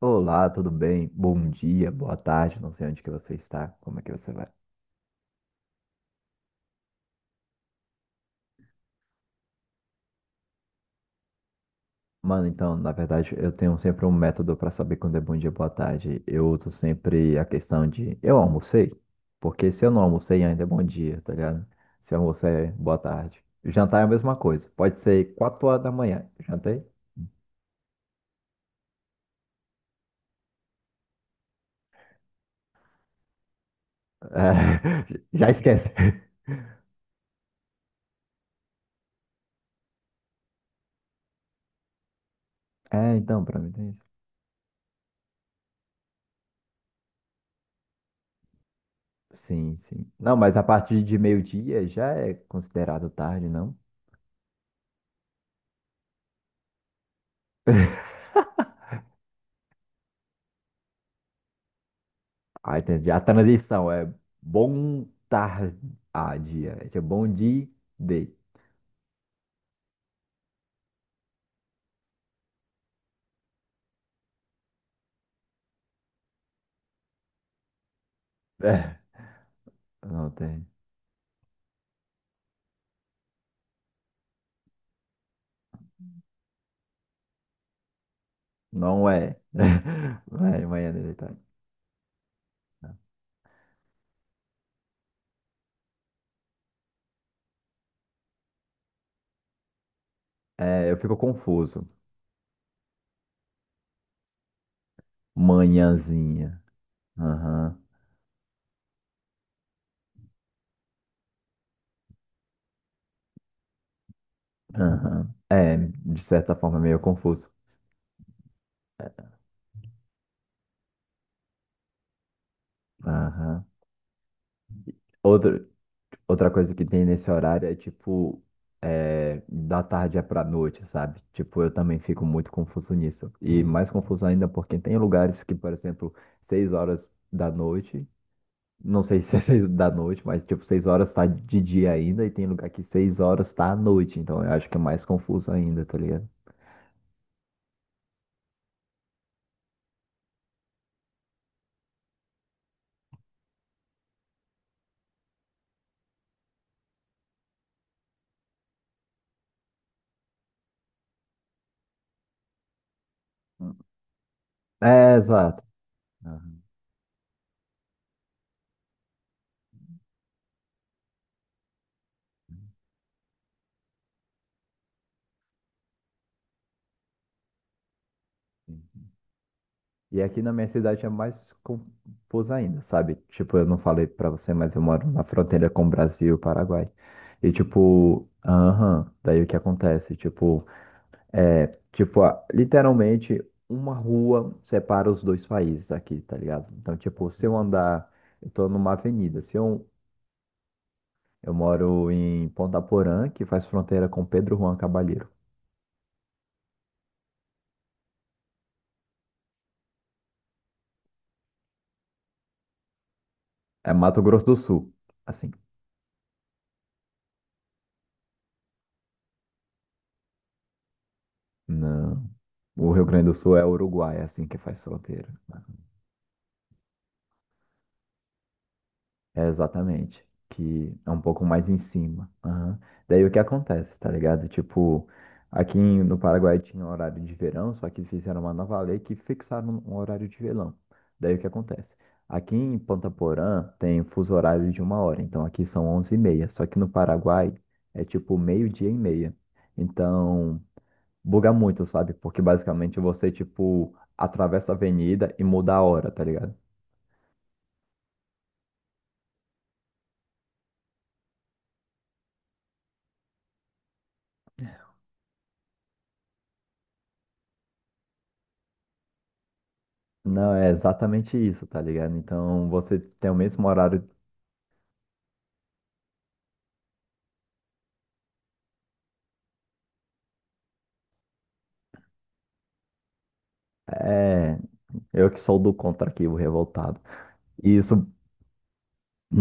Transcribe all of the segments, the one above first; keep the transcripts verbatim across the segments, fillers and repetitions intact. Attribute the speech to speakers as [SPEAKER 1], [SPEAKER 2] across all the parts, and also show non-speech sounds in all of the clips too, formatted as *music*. [SPEAKER 1] Olá, tudo bem? Bom dia, boa tarde, não sei onde que você está, como é que você vai? Mano, então, na verdade, eu tenho sempre um método para saber quando é bom dia, boa tarde. Eu uso sempre a questão de eu almocei, porque se eu não almocei ainda é bom dia, tá ligado? Se eu almocei, é boa tarde. Jantar é a mesma coisa, pode ser quatro horas da manhã, jantei? É, *laughs* já esquece. É, então, pra mim tem isso. Sim, sim. Não, mas a partir de meio-dia já é considerado tarde, não? Ah, entendi. A transição é bom tarde. Ah, dia. É tipo, bom dia. Day. É, não tem. Não é. *laughs* Não é manhã de tarde. É, eu fico confuso. Manhãzinha. Aham. Aham. É, de certa forma, é meio confuso. Aham. Outro. Outra coisa que tem nesse horário é tipo, é, da tarde é pra noite, sabe? Tipo, eu também fico muito confuso nisso. E mais confuso ainda porque tem lugares que, por exemplo, seis horas da noite, não sei se é *laughs* seis da noite, mas tipo, seis horas tá de dia ainda, e tem lugar que seis horas tá à noite. Então eu acho que é mais confuso ainda, tá ligado? É, exato. Aham. E aqui na minha cidade é mais confuso ainda, sabe? Tipo, eu não falei pra você, mas eu moro na fronteira com o Brasil e o Paraguai. E tipo, aham, daí o que acontece? Tipo, é, tipo, ah, literalmente uma rua separa os dois países aqui, tá ligado? Então, tipo, se eu andar, eu tô numa avenida, se eu, eu moro em Ponta Porã, que faz fronteira com Pedro Juan Caballero. É Mato Grosso do Sul, assim. Não, o Rio Grande do Sul é Uruguai, é assim que faz fronteira, né? É, exatamente. Que é um pouco mais em cima. Aham. Daí o que acontece, tá ligado? Tipo, aqui em- no Paraguai tinha um horário de verão, só que fizeram uma nova lei que fixaram um horário de verão. Daí o que acontece? Aqui em Ponta Porã tem um fuso horário de uma hora, então aqui são onze e meia. Só que no Paraguai é tipo meio-dia e meia. Então, buga muito, sabe? Porque basicamente você, tipo, atravessa a avenida e muda a hora, tá ligado? Não, é exatamente isso, tá ligado? Então você tem o mesmo horário. É, eu que sou do contra aqui, o revoltado. E isso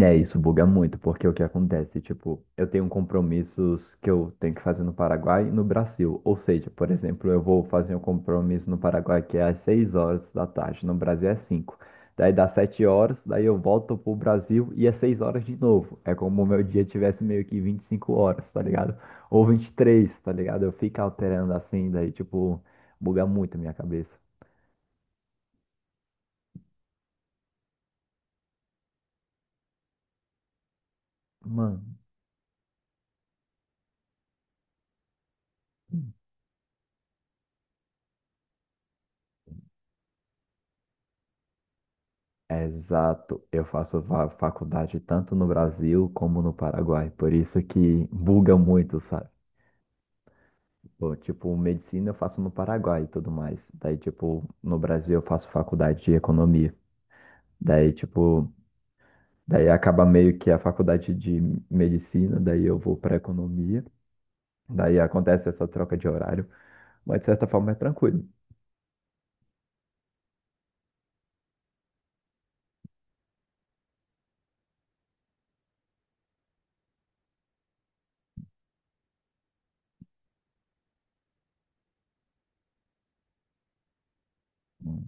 [SPEAKER 1] É, isso buga muito, porque o que acontece, tipo, eu tenho compromissos que eu tenho que fazer no Paraguai e no Brasil. Ou seja, por exemplo, eu vou fazer um compromisso no Paraguai que é às seis horas da tarde, no Brasil é cinco. Daí dá sete horas, daí eu volto pro Brasil e é seis horas de novo. É como o meu dia tivesse meio que vinte e cinco horas, tá ligado? Ou vinte e três, tá ligado? Eu fico alterando assim, daí, tipo, buga muito a minha cabeça. Mano. Exato, eu faço fa- faculdade tanto no Brasil como no Paraguai, por isso que buga muito, sabe? Bom, tipo, medicina eu faço no Paraguai e tudo mais. Daí, tipo, no Brasil eu faço faculdade de economia. Daí, tipo, daí acaba meio que a faculdade de medicina, daí eu vou para economia. Daí acontece essa troca de horário, mas de certa forma é tranquilo. Hum,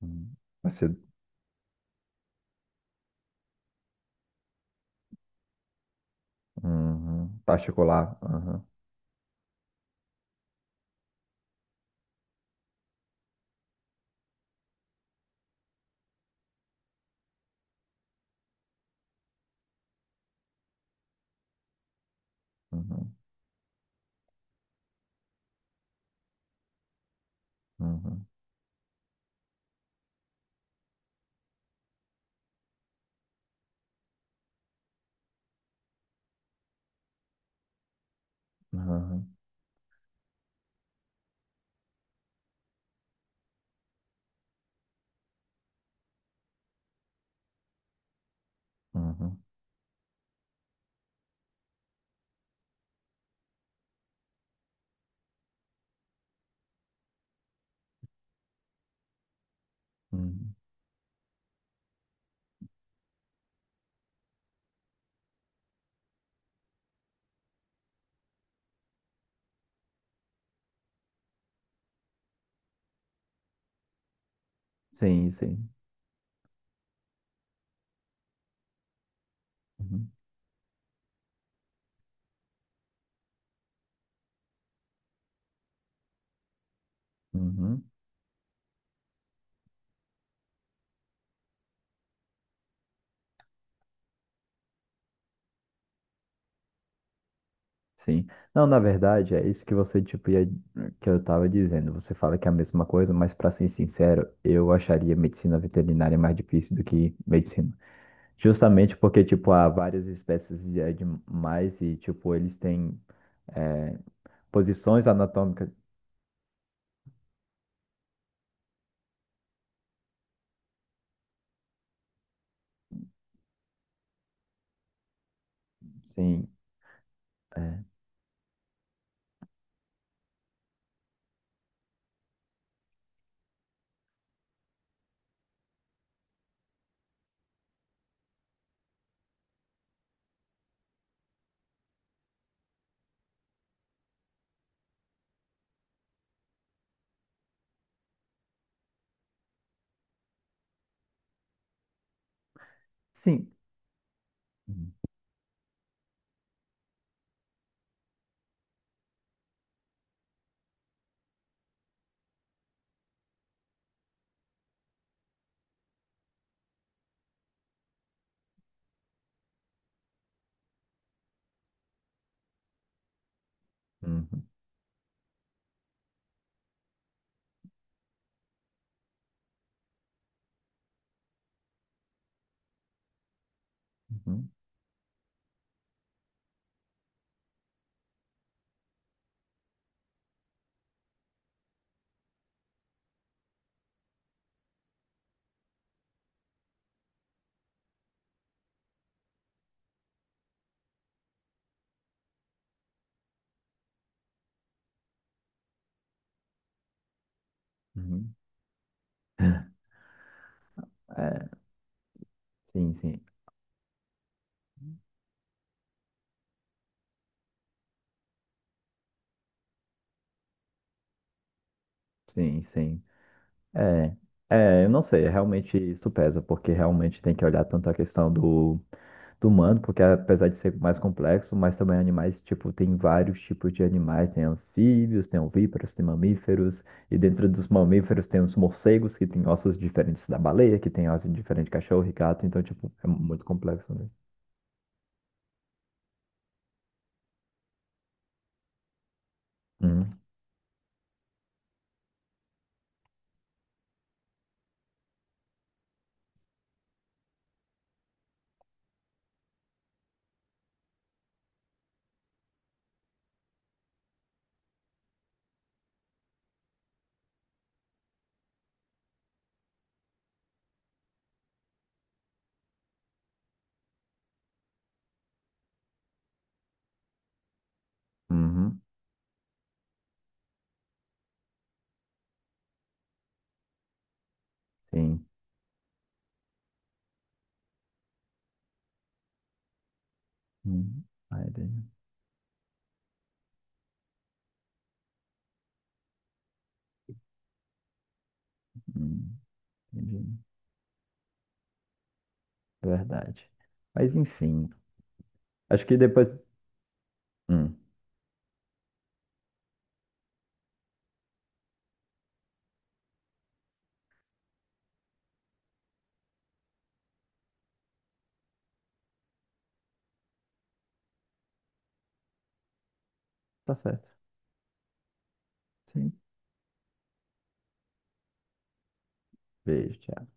[SPEAKER 1] hum. Vai ser, uhum, particular. Uhum, uhum, uhum, uhum, uhum, uhum. Sim, sim. Uhum, uhum, sim. Não, na verdade, é isso que você, tipo, ia, que eu tava dizendo. Você fala que é a mesma coisa, mas para ser sincero, eu acharia medicina veterinária mais difícil do que medicina. Justamente porque, tipo, há várias espécies de animais e, tipo, eles têm é, posições anatômicas. Sim, é, sim. Uhum, uhum, uhum. Uhum. É, sim, sim. Sim, sim. É, é, eu não sei, é realmente isso pesa, porque realmente tem que olhar tanto a questão do, do humano, porque apesar de ser mais complexo, mas também animais, tipo, tem vários tipos de animais, tem anfíbios, tem ovíparos, tem mamíferos, e dentro dos mamíferos tem os morcegos, que tem ossos diferentes da baleia, que tem ossos diferentes de cachorro e gato, então, tipo, é muito complexo, né? Uhum, uhum, sim. Uhum. Ai, daí- hum, entendi. Verdade. Mas enfim, acho que depois. Hum, tá certo. Sim. Beijo, tchau.